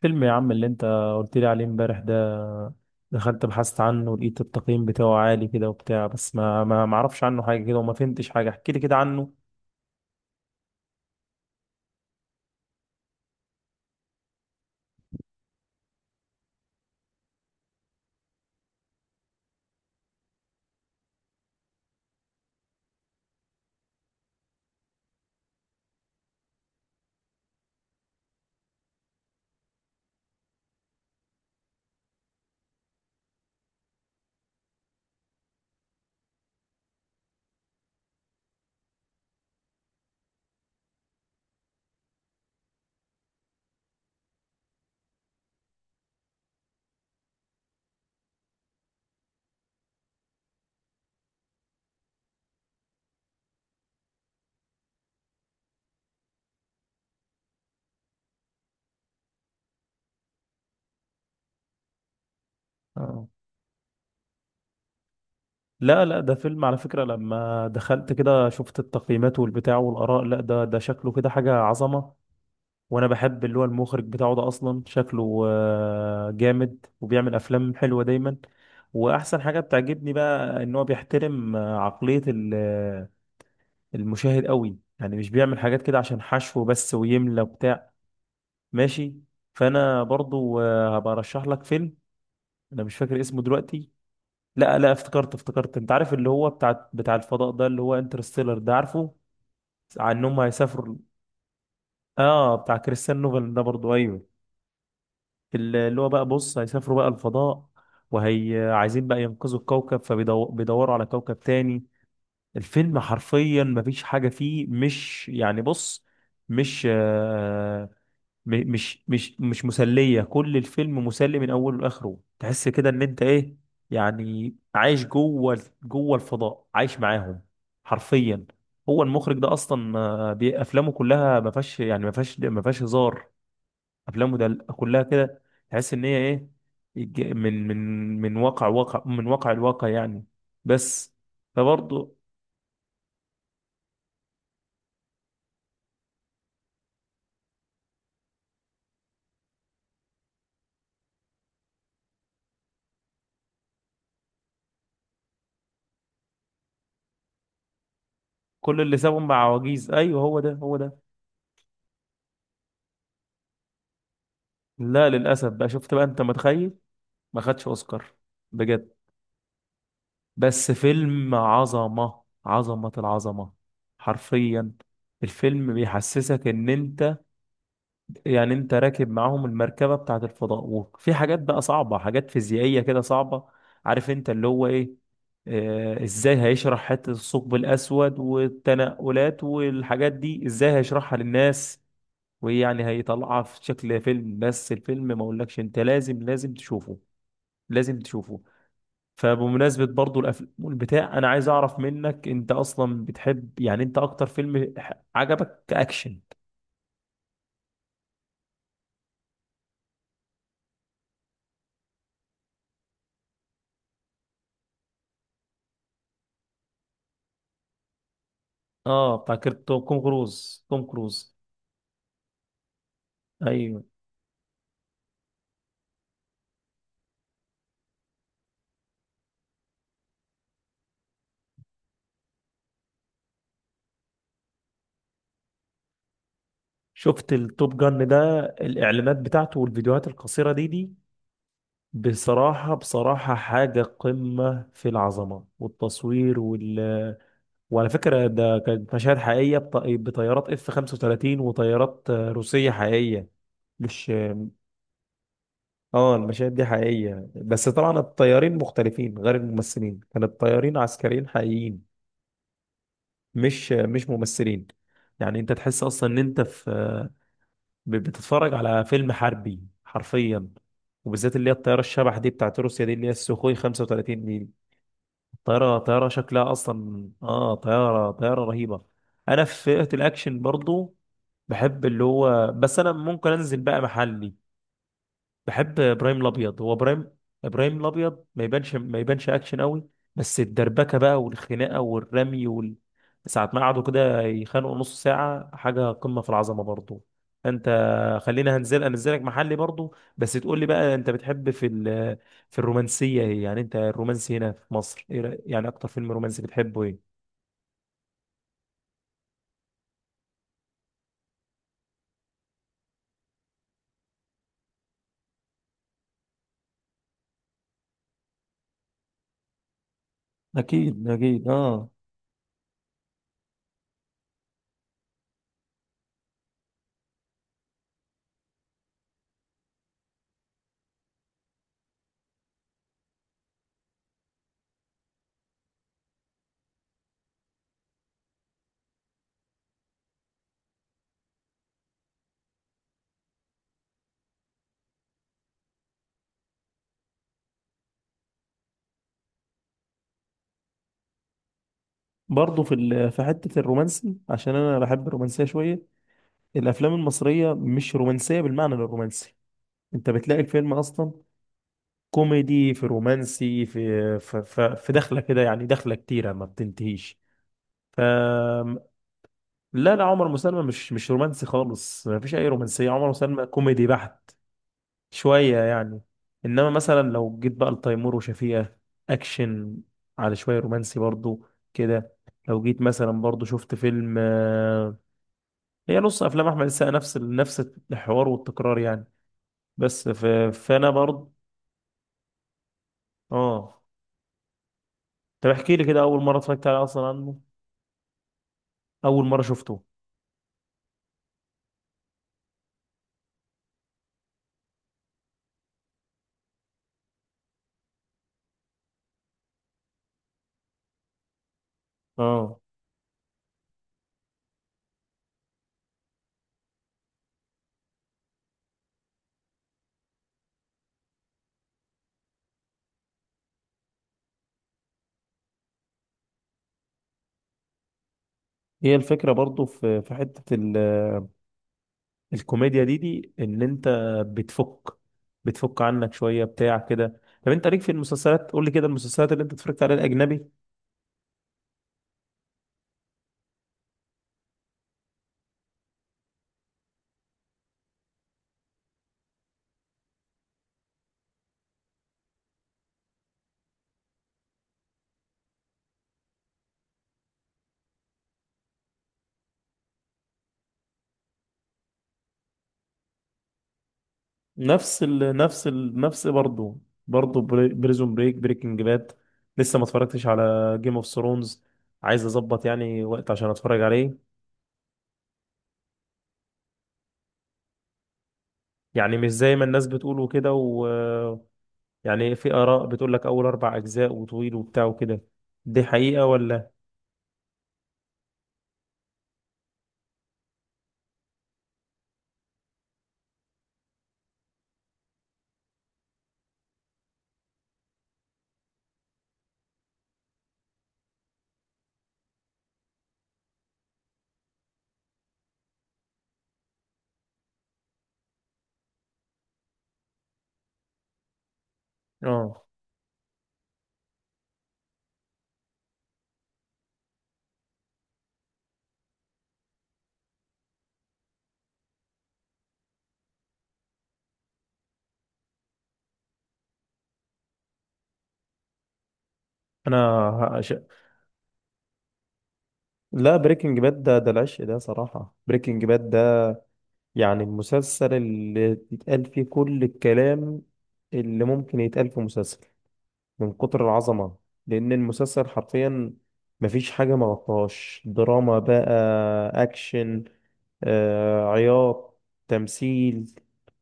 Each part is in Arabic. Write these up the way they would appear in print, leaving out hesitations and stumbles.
فيلم يا عم اللي انت قلت لي عليه امبارح ده. دخلت بحثت عنه ولقيت التقييم بتاعه عالي كده وبتاع، بس ما اعرفش عنه حاجة كده وما فهمتش حاجة. احكي لي كده عنه. اه، لا لا، ده فيلم على فكرة. لما دخلت كده شفت التقييمات والبتاع والآراء، لا ده شكله كده حاجة عظمة. وانا بحب اللي هو المخرج بتاعه ده، اصلا شكله جامد وبيعمل افلام حلوة دايما. واحسن حاجة بتعجبني بقى ان هو بيحترم عقلية المشاهد قوي، يعني مش بيعمل حاجات كده عشان حشو بس ويملى وبتاع. ماشي. فانا برضو هبقى ارشح لك فيلم. انا مش فاكر اسمه دلوقتي. لا لا، افتكرت افتكرت. انت عارف اللي هو بتاع الفضاء ده، اللي هو انترستيلر ده؟ عارفه؟ عن انهم هيسافروا. اه، بتاع كريستيان نوفل ده برضو، ايوه. اللي هو بقى، بص، هيسافروا بقى الفضاء، وهي عايزين بقى ينقذوا الكوكب فبيدوروا على كوكب تاني. الفيلم حرفيا مفيش حاجة فيه، مش يعني، بص، مش مش مسلية. كل الفيلم مسلي من اوله لاخره، تحس كده ان انت ايه، يعني عايش جوه جوه الفضاء، عايش معاهم حرفيا. هو المخرج ده اصلا افلامه كلها ما فيهاش، يعني ما فيهاش هزار. افلامه ده كلها كده، تحس ان هي ايه، الج- من من من واقع الواقع يعني. بس. فبرضه. كل اللي سابهم مع عواجيز، ايوه، هو ده هو ده. لا للاسف بقى، شفت بقى، انت متخيل؟ ما خدش اوسكار، بجد. بس فيلم عظمة عظمة العظمة، حرفيا. الفيلم بيحسسك ان انت، يعني انت راكب معاهم المركبة بتاعت الفضاء، وفي حاجات بقى صعبة، حاجات فيزيائية كده صعبة. عارف انت اللي هو ايه، ازاي هيشرح حتة الثقب الاسود والتنقلات والحاجات دي، ازاي هيشرحها للناس ويعني هيطلعها في شكل فيلم. بس الفيلم ما اقولكش، انت لازم لازم تشوفه، لازم تشوفه. فبمناسبة برضو الأفلام والبتاع، أنا عايز أعرف منك، أنت أصلا بتحب، يعني أنت أكتر فيلم عجبك كأكشن؟ آه بتاع توم كروز، توم كروز. أيوه. شفت التوب جن ده، الإعلانات بتاعته والفيديوهات القصيرة دي، بصراحة بصراحة حاجة قمة في العظمة والتصوير وعلى فكرة ده كانت مشاهد حقيقية، بطيارات اف 35 وطيارات روسية حقيقية، مش؟ اه، المشاهد دي حقيقية، بس طبعا الطيارين مختلفين غير الممثلين، كان الطيارين عسكريين حقيقيين، مش ممثلين. يعني انت تحس اصلا ان انت في، بتتفرج على فيلم حربي حرفيا. وبالذات اللي هي الطيارة الشبح دي بتاعت روسيا دي، اللي هي السوخوي 35 دي، طيارة شكلها اصلا، طيارة رهيبة. انا في فئة الاكشن برضو بحب اللي هو، بس انا ممكن انزل بقى محلي. بحب ابراهيم الابيض، هو ابراهيم الابيض ما يبانش اكشن قوي، بس الدربكه بقى والخناقه والرمي ساعه ما قعدوا كده يخانقوا نص ساعه، حاجه قمه في العظمه برضو. انت، خلينا انزلك محلي برضو، بس تقول لي بقى انت بتحب في في الرومانسيه ايه؟ يعني انت الرومانسي هنا في مصر، ايه يعني اكتر فيلم رومانسي بتحبه ايه؟ اكيد اكيد، اه. برضه في في حتة الرومانسي، عشان انا بحب الرومانسية شوية. الافلام المصريه مش رومانسيه بالمعنى الرومانسي، انت بتلاقي الفيلم اصلا كوميدي، في رومانسي، في دخله كده، يعني دخله كتيره ما بتنتهيش. ف لا لا، عمر وسلمى مش رومانسي خالص، ما فيش اي رومانسيه، عمر وسلمى كوميدي بحت. شويه يعني. انما مثلا لو جيت بقى لتيمور وشفيقة، اكشن على شويه رومانسي برضو كده. لو جيت مثلا برضو شفت فيلم هي نص افلام احمد السقا نفس نفس الحوار والتكرار يعني. بس فانا برضه، اه. طب احكي لي كده، اول مره اتفرجت عليه اصلا، عنه، اول مره شفته. اه. هي الفكره برضه في حته الكوميديا دي ان انت بتفك بتفك عنك شويه بتاع كده. طب انت ليك في المسلسلات، قول لي كده المسلسلات اللي انت اتفرجت عليها، الاجنبي. نفس ال... نفس ال... نفس برضه برضه بريزون بريك، بريكنج باد. لسه ما اتفرجتش على جيم اوف ثرونز، عايز اظبط يعني وقت عشان اتفرج عليه. يعني مش زي ما الناس بتقول وكده يعني في آراء بتقول لك أول أربع أجزاء وطويل وبتاع وكده، دي حقيقة ولا؟ آه. أنا هقش... لا، بريكنج باد ده العشق، ده صراحة. بريكنج باد ده يعني المسلسل اللي يتقال فيه كل الكلام اللي ممكن يتقال في مسلسل، من كتر العظمة. لأن المسلسل حرفيا مفيش حاجة ما غطاهاش، دراما بقى، أكشن، عياط، تمثيل،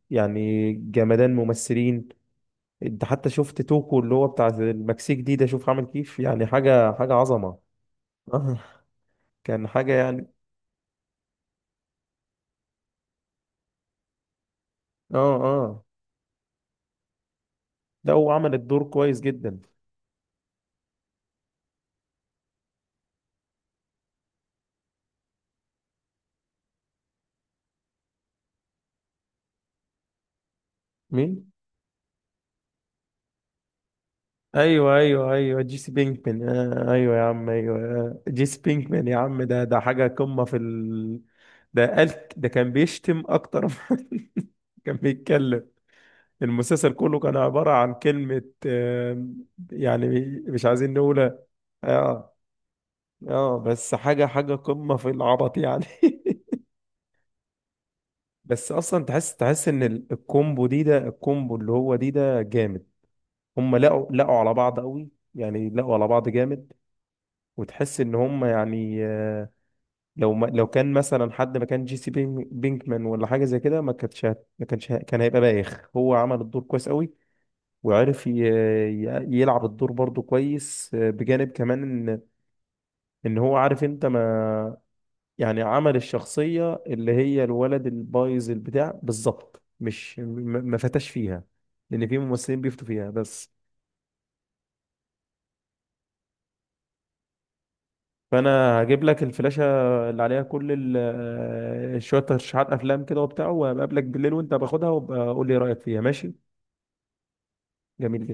يعني جمدان ممثلين. انت حتى شفت توكو اللي هو بتاع المكسيك دي، ده شوف عامل كيف، يعني حاجة حاجة عظمة. آه. كان حاجة يعني. اه، اه، لا هو عمل الدور كويس جدا. مين؟ ايوه ايوه ايوه، جيسي بينكمان، آه ايوه يا عم، ايوه. آه. جيسي بينكمان يا عم، ده حاجة قمة في ده قال ده كان بيشتم اكتر كان بيتكلم. المسلسل كله كان عبارة عن كلمة، يعني مش عايزين نقولها. اه، اه، بس حاجة حاجة قمة في العبط يعني. بس اصلا تحس ان الكومبو دي، ده الكومبو اللي هو دي ده جامد. هم لقوا على بعض قوي، يعني لقوا على بعض جامد. وتحس ان هم يعني، لو كان مثلا حد ما كان جي سي بينكمان ولا حاجة زي كده، ما كانتش هت- ما كانش ه- كان هيبقى بايخ. هو عمل الدور كويس قوي، وعرف يلعب الدور برضه كويس، بجانب كمان ان ان هو عارف انت، ما يعني، عمل الشخصية اللي هي الولد البايظ البتاع بالظبط، مش ما فتاش فيها، لأن في ممثلين بيفتوا فيها بس. فأنا هجيب لك الفلاشة اللي عليها كل شوية ترشيحات أفلام كده وبتاع، وبقابلك بالليل وأنت باخدها، وابقى قول لي رأيك فيها، ماشي. جميل جدا.